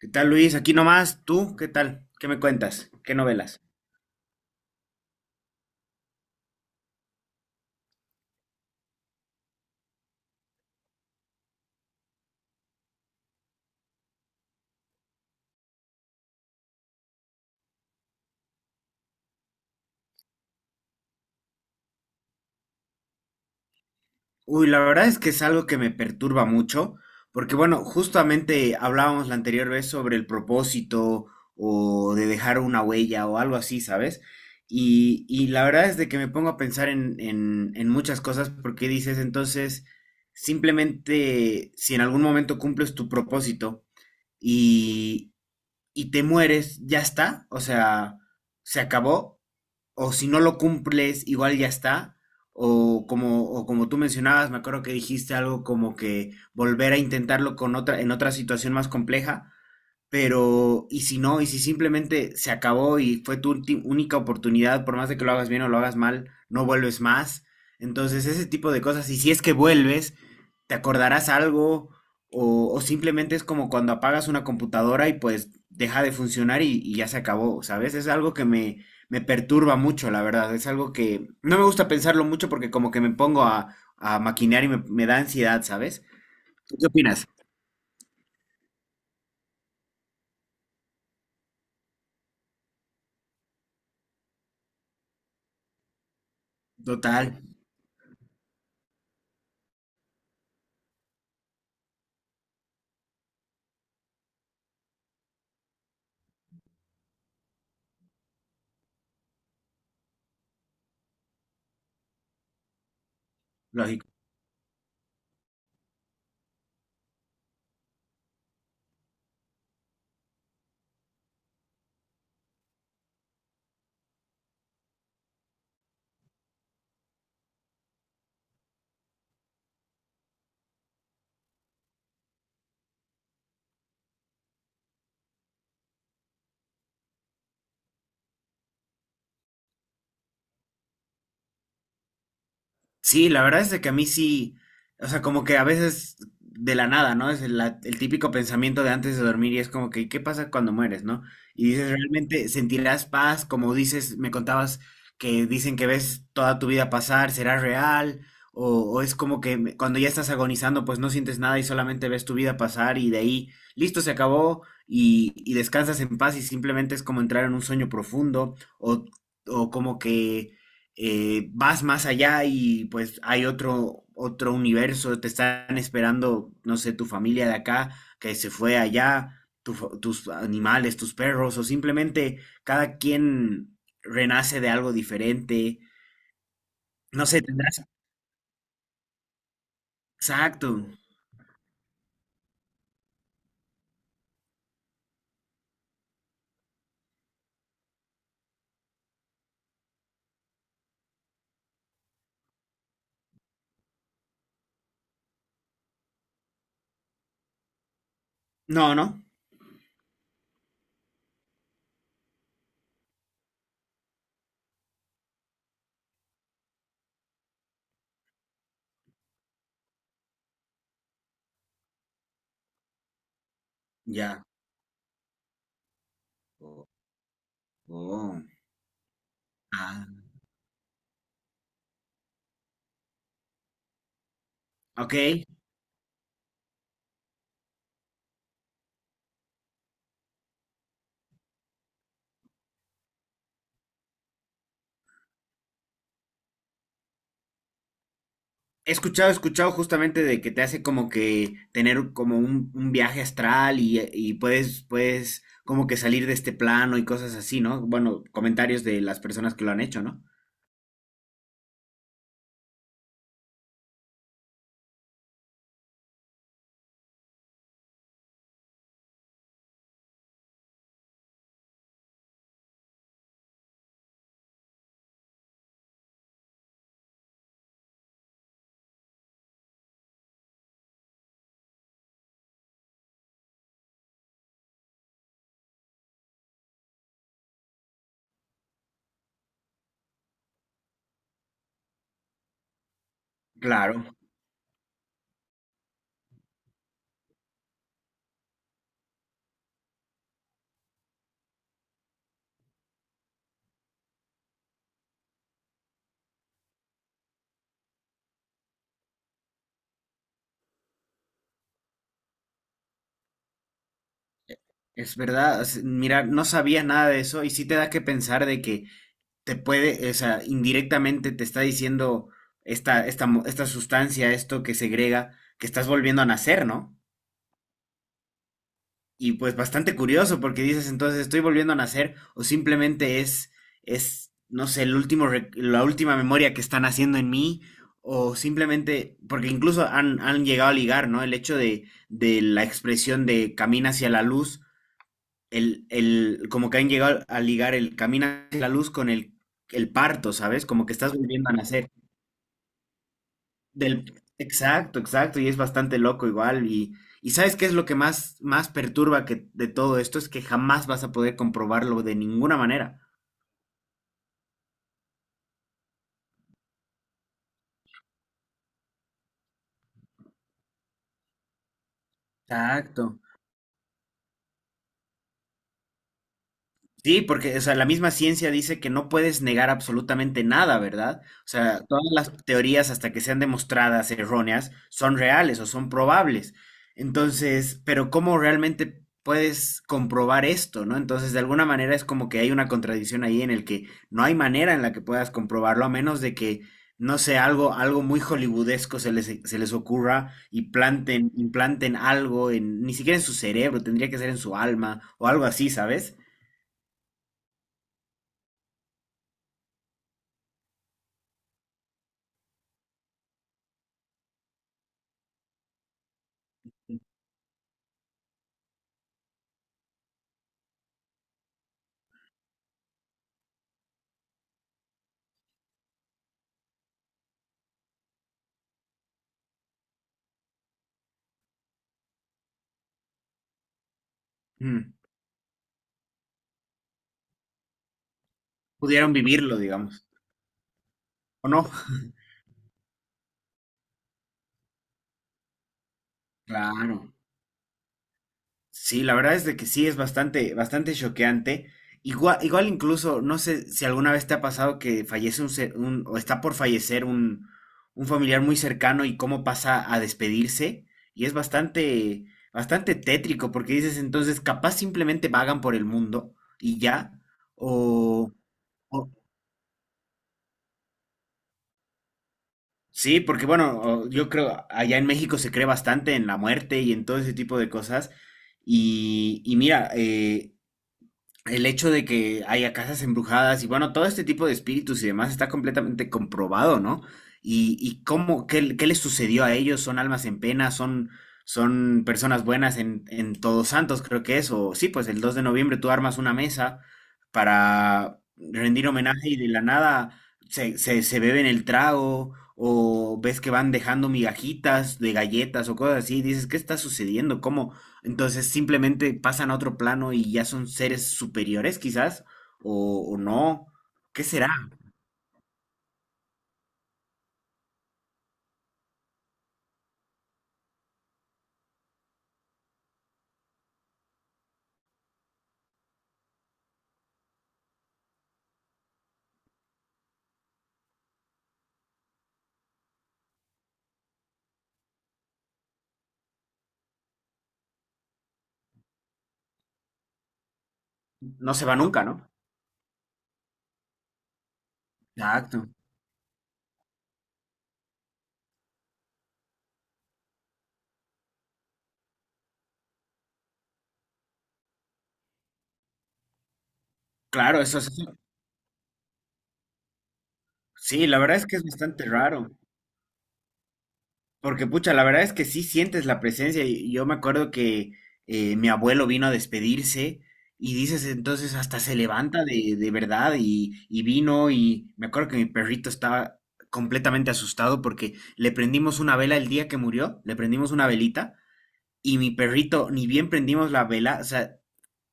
¿Qué tal, Luis? Aquí nomás, ¿tú qué tal? ¿Qué me cuentas? ¿Qué novelas? Uy, la verdad es que es algo que me perturba mucho, porque bueno, justamente hablábamos la anterior vez sobre el propósito o de dejar una huella o algo así, ¿sabes? Y la verdad es de que me pongo a pensar en muchas cosas porque dices, entonces, simplemente si en algún momento cumples tu propósito y, y te mueres, ya está, o sea, se acabó o si no lo cumples, igual ya está. O como tú mencionabas, me acuerdo que dijiste algo como que volver a intentarlo con otra, en otra situación más compleja. Pero, y si no, y si simplemente se acabó y fue tu única oportunidad, por más de que lo hagas bien o lo hagas mal, no vuelves más. Entonces, ese tipo de cosas, y si es que vuelves, te acordarás algo o simplemente es como cuando apagas una computadora y pues deja de funcionar y ya se acabó, ¿sabes? Es algo que me perturba mucho, la verdad. Es algo que no me gusta pensarlo mucho porque como que me pongo a maquinear y me da ansiedad, ¿sabes? ¿Tú qué opinas? Total, lógico. Sí, la verdad es de que a mí sí, o sea, como que a veces de la nada, ¿no? Es el típico pensamiento de antes de dormir y es como que, ¿qué pasa cuando mueres, no? Y dices, ¿realmente sentirás paz? Como dices, me contabas que dicen que ves toda tu vida pasar, ¿será real? O es como que cuando ya estás agonizando, pues no sientes nada y solamente ves tu vida pasar y de ahí, listo, se acabó y descansas en paz y simplemente es como entrar en un sueño profundo o, o como que vas más allá y pues hay otro, otro universo, te están esperando, no sé, tu familia de acá que se fue allá, tu tus animales, tus perros, o simplemente cada quien renace de algo diferente. No sé, tendrás... Exacto. No, no. Ya. Oh. Oh. Ah, ok. He escuchado justamente de que te hace como que tener como un viaje astral y puedes, puedes como que salir de este plano y cosas así, ¿no? Bueno, comentarios de las personas que lo han hecho, ¿no? Claro, es verdad. Mira, no sabía nada de eso y sí te da que pensar de que te puede, o sea, indirectamente te está diciendo esta sustancia, esto que segrega, que estás volviendo a nacer, ¿no? Y pues bastante curioso porque dices entonces estoy volviendo a nacer o simplemente es no sé, el la última memoria que están haciendo en mí o simplemente, porque incluso han llegado a ligar, ¿no? El hecho de la expresión de camina hacia la luz, como que han llegado a ligar el camina hacia la luz con el parto, ¿sabes? Como que estás volviendo a nacer. Del, exacto, exacto, y es bastante loco igual. Y ¿sabes qué es lo que más, más perturba que, de todo esto? Es que jamás vas a poder comprobarlo de ninguna manera. Exacto. Sí, porque, o sea, la misma ciencia dice que no puedes negar absolutamente nada, ¿verdad? O sea, todas las teorías, hasta que sean demostradas erróneas, son reales o son probables. Entonces, pero ¿cómo realmente puedes comprobar esto, no? Entonces, de alguna manera es como que hay una contradicción ahí en el que no hay manera en la que puedas comprobarlo, a menos de que, no sé, algo, algo muy hollywoodesco se les ocurra y implanten algo en, ni siquiera en su cerebro, tendría que ser en su alma o algo así, ¿sabes? Mm. Pudieron vivirlo, digamos, ¿o no? Claro. Sí, la verdad es de que sí es bastante, bastante choqueante. Igual, igual incluso, no sé si alguna vez te ha pasado que fallece o está por fallecer un familiar muy cercano y cómo pasa a despedirse. Y es bastante, bastante tétrico porque dices entonces capaz simplemente vagan por el mundo y ya, o, o, sí, porque bueno, yo creo allá en México se cree bastante en la muerte y en todo ese tipo de cosas. Y mira, el hecho de que haya casas embrujadas y bueno, todo este tipo de espíritus y demás está completamente comprobado, ¿no? Y cómo, qué, qué les sucedió a ellos, son almas en pena, son, son personas buenas en Todos Santos, creo que es, o sí, pues el 2 de noviembre tú armas una mesa para rendir homenaje y de la nada se beben el trago o ves que van dejando migajitas de galletas o cosas así, dices, ¿qué está sucediendo? ¿Cómo, entonces simplemente pasan a otro plano y ya son seres superiores quizás, o no. ¿Qué será? No se va nunca, ¿no? Exacto. Claro, eso es... Sí, la verdad es que es bastante raro, porque pucha, la verdad es que sí sientes la presencia. Y yo me acuerdo que mi abuelo vino a despedirse y dices entonces hasta se levanta de verdad y vino y me acuerdo que mi perrito estaba completamente asustado porque le prendimos una vela el día que murió, le prendimos una velita. Y mi perrito, ni bien prendimos la vela, o sea,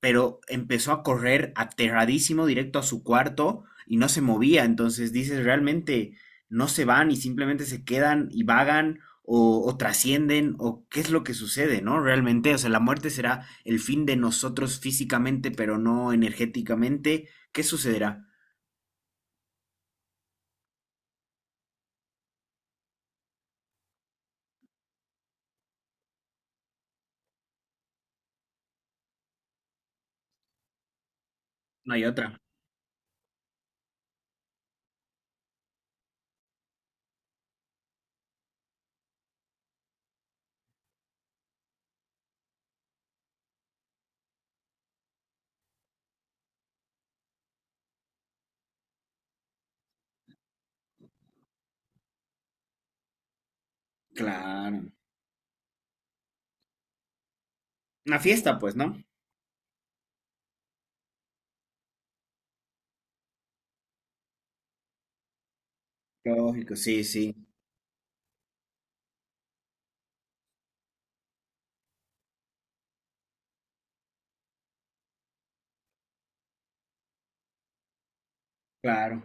pero empezó a correr aterradísimo directo a su cuarto y no se movía. Entonces dices, realmente no se van y simplemente se quedan y vagan o trascienden o qué es lo que sucede, ¿no? Realmente, o sea, la muerte será el fin de nosotros físicamente, pero no energéticamente. ¿Qué sucederá? No hay otra. Claro. Una fiesta, pues, ¿no? Lógico, sí, sí, claro.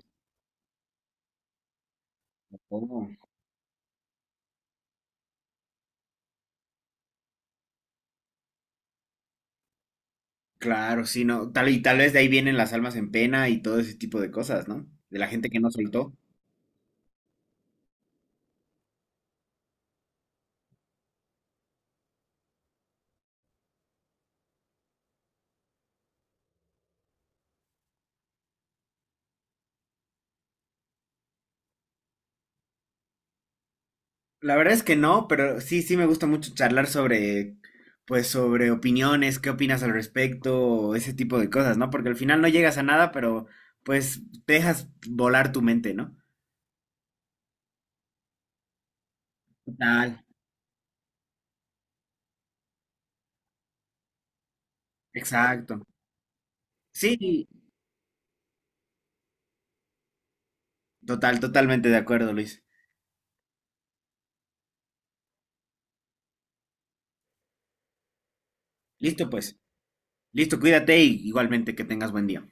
Oh. Claro, sí, no. Tal y tal vez de ahí vienen las almas en pena y todo ese tipo de cosas, ¿no? De la gente que no soltó. La verdad es que no, pero sí, sí me gusta mucho charlar sobre, pues, sobre opiniones, qué opinas al respecto, o ese tipo de cosas, ¿no? Porque al final no llegas a nada, pero pues te dejas volar tu mente, ¿no? Total, exacto. Sí, total, totalmente de acuerdo, Luis. Listo, pues. Listo, cuídate y igualmente que tengas buen día.